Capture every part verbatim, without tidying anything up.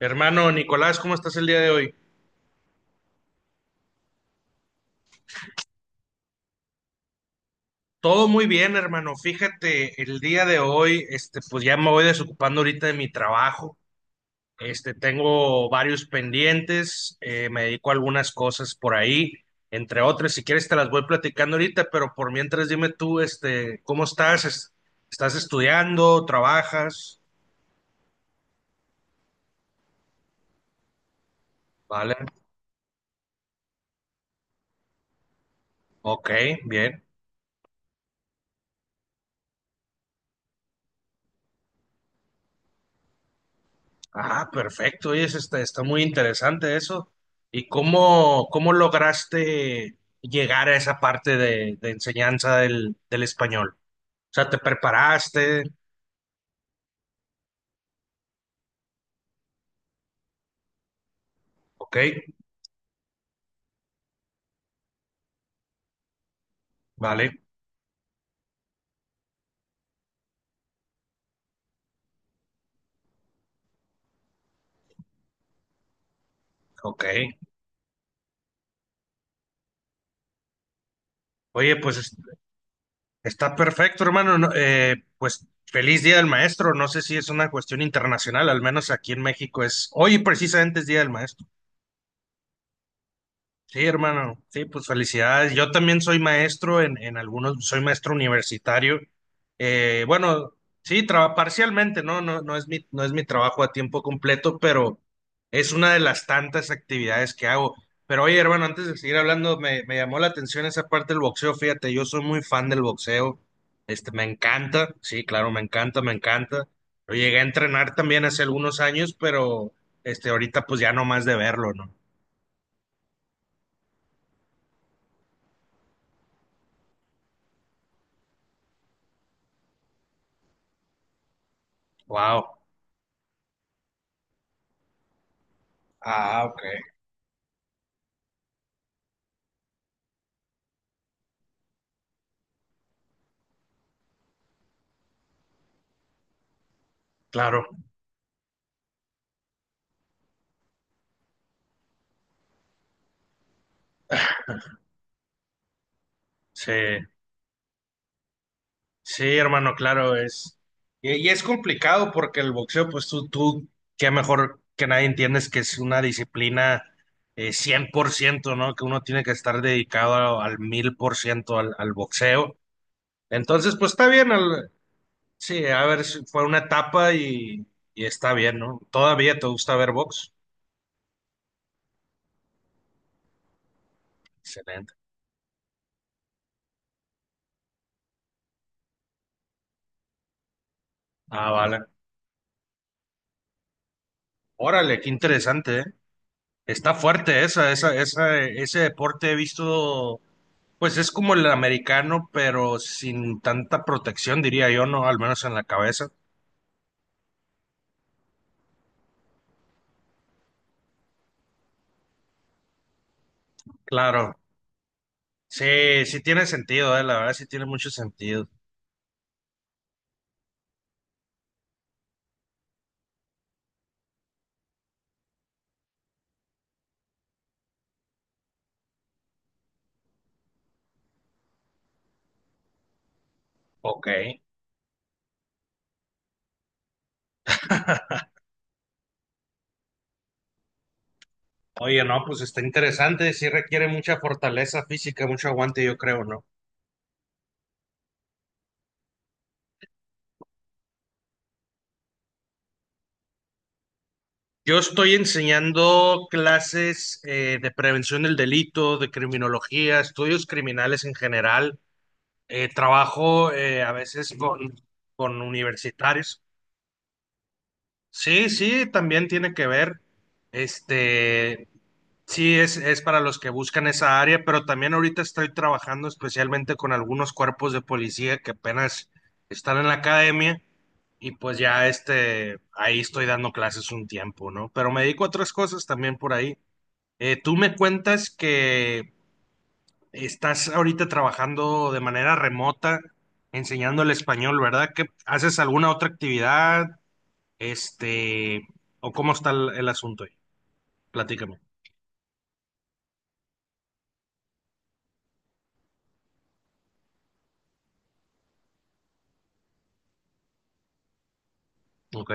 Hermano Nicolás, ¿cómo estás el día de hoy? Todo muy bien, hermano. Fíjate, el día de hoy, este, pues ya me voy desocupando ahorita de mi trabajo. Este, tengo varios pendientes, eh, me dedico a algunas cosas por ahí, entre otras. Si quieres te las voy platicando ahorita, pero por mientras dime tú, este, ¿cómo estás? Es- ¿Estás estudiando? ¿Trabajas? ¿Vale? Ok, bien. Ah, perfecto. Oye, eso está, está muy interesante eso. ¿Y cómo, cómo lograste llegar a esa parte de, de enseñanza del, del español? O sea, ¿te preparaste? Ok, vale, ok. Oye, pues es- está perfecto, hermano. No, eh, pues feliz Día del Maestro. No sé si es una cuestión internacional, al menos aquí en México es. Hoy precisamente es Día del Maestro. Sí, hermano. Sí, pues felicidades. Yo también soy maestro en, en algunos, soy maestro universitario. Eh, bueno, sí, traba- parcialmente, ¿no? No, no es mi, no es mi trabajo a tiempo completo, pero es una de las tantas actividades que hago. Pero oye, hermano, antes de seguir hablando, me, me llamó la atención esa parte del boxeo. Fíjate, yo soy muy fan del boxeo. Este, me encanta. Sí, claro, me encanta, me encanta. Lo llegué a entrenar también hace algunos años, pero este, ahorita pues ya no más de verlo, ¿no? Wow. Ah, ok, claro. Sí, sí, hermano, claro, es. Y, y es complicado porque el boxeo, pues tú, tú, qué mejor que nadie entiendes que es una disciplina eh, cien por ciento, ¿no? Que uno tiene que estar dedicado al mil por ciento al al boxeo. Entonces, pues está bien, al- sí, a ver, si fue una etapa y, y está bien, ¿no? ¿Todavía te gusta ver box? Excelente. Ah, vale. Órale, qué interesante, ¿eh? Está fuerte esa, esa, esa, ese deporte he visto. Pues es como el americano, pero sin tanta protección, diría yo, ¿no? Al menos en la cabeza. Claro. Sí, sí tiene sentido, eh, La verdad sí tiene mucho sentido. Ok. Oye, no, pues está interesante. Sí requiere mucha fortaleza física, mucho aguante, yo creo, ¿no? Yo estoy enseñando clases eh, de prevención del delito, de criminología, estudios criminales en general. Eh, trabajo eh, a veces con, con universitarios. Sí, sí, también tiene que ver. Este, sí, es, es para los que buscan esa área, pero también ahorita estoy trabajando especialmente con algunos cuerpos de policía que apenas están en la academia y pues ya este, ahí estoy dando clases un tiempo, ¿no? Pero me dedico a otras cosas también por ahí. Eh, tú me cuentas que estás ahorita trabajando de manera remota, enseñando el español, ¿verdad? ¿Que haces alguna otra actividad? Este, o cómo está el, el asunto ahí. Platícame. Ok,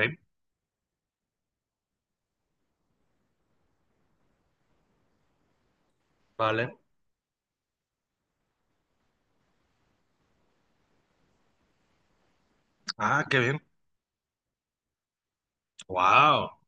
vale. Ah, qué bien. Wow.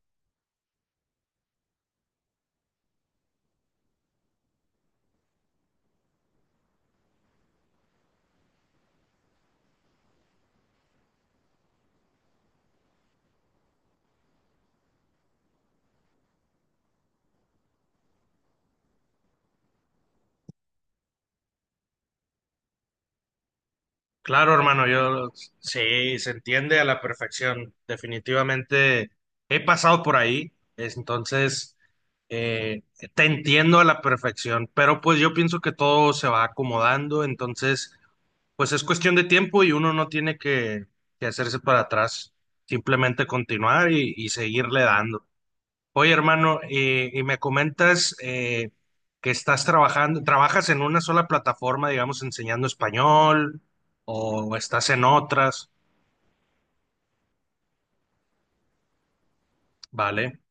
Claro, hermano, yo sí, se entiende a la perfección. Definitivamente he pasado por ahí, es- entonces eh, te entiendo a la perfección, pero pues yo pienso que todo se va acomodando, entonces pues es cuestión de tiempo y uno no tiene que, que hacerse para atrás, simplemente continuar y y seguirle dando. Oye, hermano, y, y me comentas eh, que estás trabajando, trabajas en una sola plataforma, digamos, enseñando español, o estás en otras, ¿vale?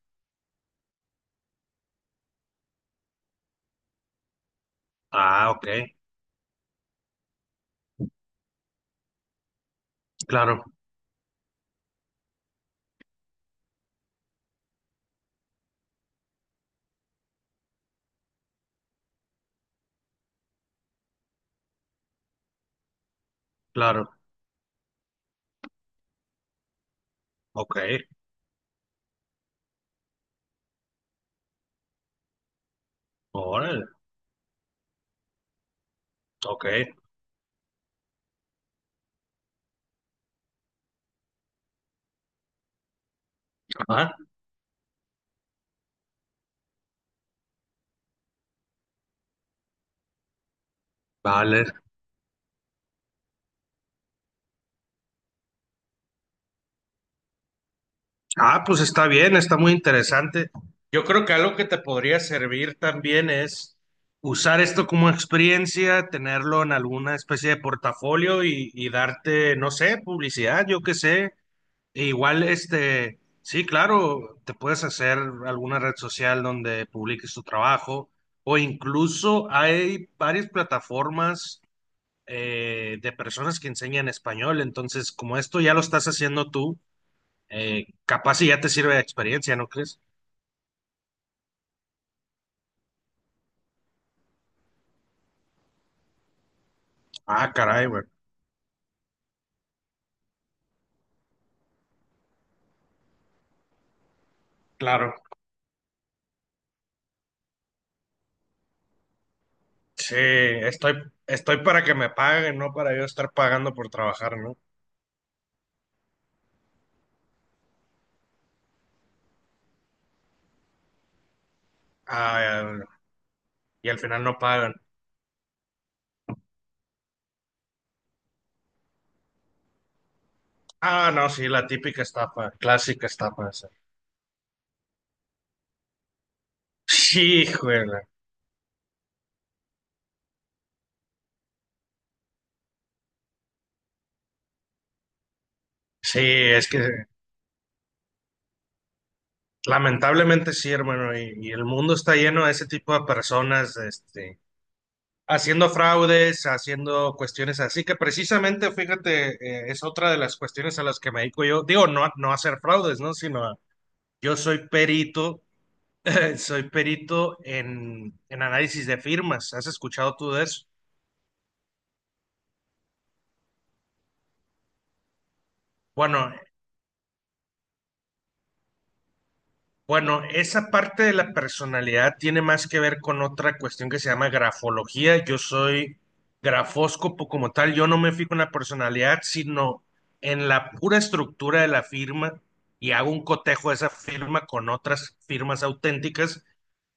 Ah, ok, claro, claro, ok, órale, ok, ah, vale. Ah, pues está bien, está muy interesante. Yo creo que algo que te podría servir también es usar esto como experiencia, tenerlo en alguna especie de portafolio y, y darte, no sé, publicidad, yo qué sé. E igual, este, sí, claro, te puedes hacer alguna red social donde publiques tu trabajo o incluso hay varias plataformas eh, de personas que enseñan español. Entonces, como esto ya lo estás haciendo tú, eh, capaz y ya te sirve de experiencia, ¿no crees? Ah, caray, güey. Claro. Sí, estoy, estoy para que me paguen, no para yo estar pagando por trabajar, ¿no? Ah, y al final no pagan. Ah, no, sí, la típica estafa, clásica estafa. Sí, juega. Sí, es que lamentablemente sí, hermano, y, y el mundo está lleno de ese tipo de personas, este, haciendo fraudes, haciendo cuestiones así, que precisamente, fíjate, eh, es otra de las cuestiones a las que me dedico yo. Digo, no, a- no a hacer fraudes, ¿no? Sino a- yo soy perito, soy perito en, en análisis de firmas. ¿Has escuchado tú de eso? Bueno, Bueno, esa parte de la personalidad tiene más que ver con otra cuestión que se llama grafología. Yo soy grafóscopo como tal, yo no me fijo en la personalidad, sino en la pura estructura de la firma y hago un cotejo de esa firma con otras firmas auténticas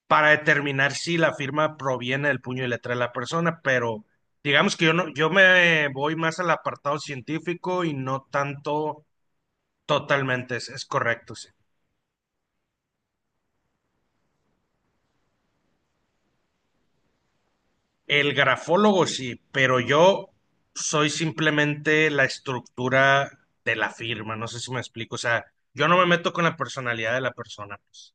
para determinar si la firma proviene del puño y letra de la persona, pero digamos que yo no, yo me voy más al apartado científico y no tanto. Totalmente, es, es correcto, sí. El grafólogo sí, pero yo soy simplemente la estructura de la firma, no sé si me explico, o sea, yo no me meto con la personalidad de la persona, pues.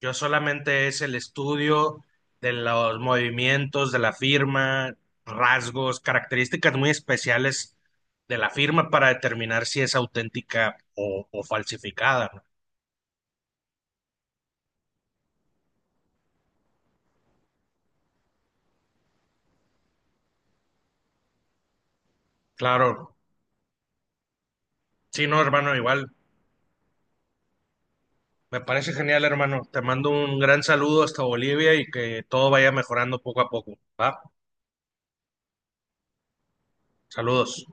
Yo solamente es el estudio de los movimientos de la firma, rasgos, características muy especiales de la firma para determinar si es auténtica o, o falsificada, ¿no? Claro, sí, no, hermano, igual. Me parece genial, hermano. Te mando un gran saludo hasta Bolivia y que todo vaya mejorando poco a poco, ¿va? Saludos.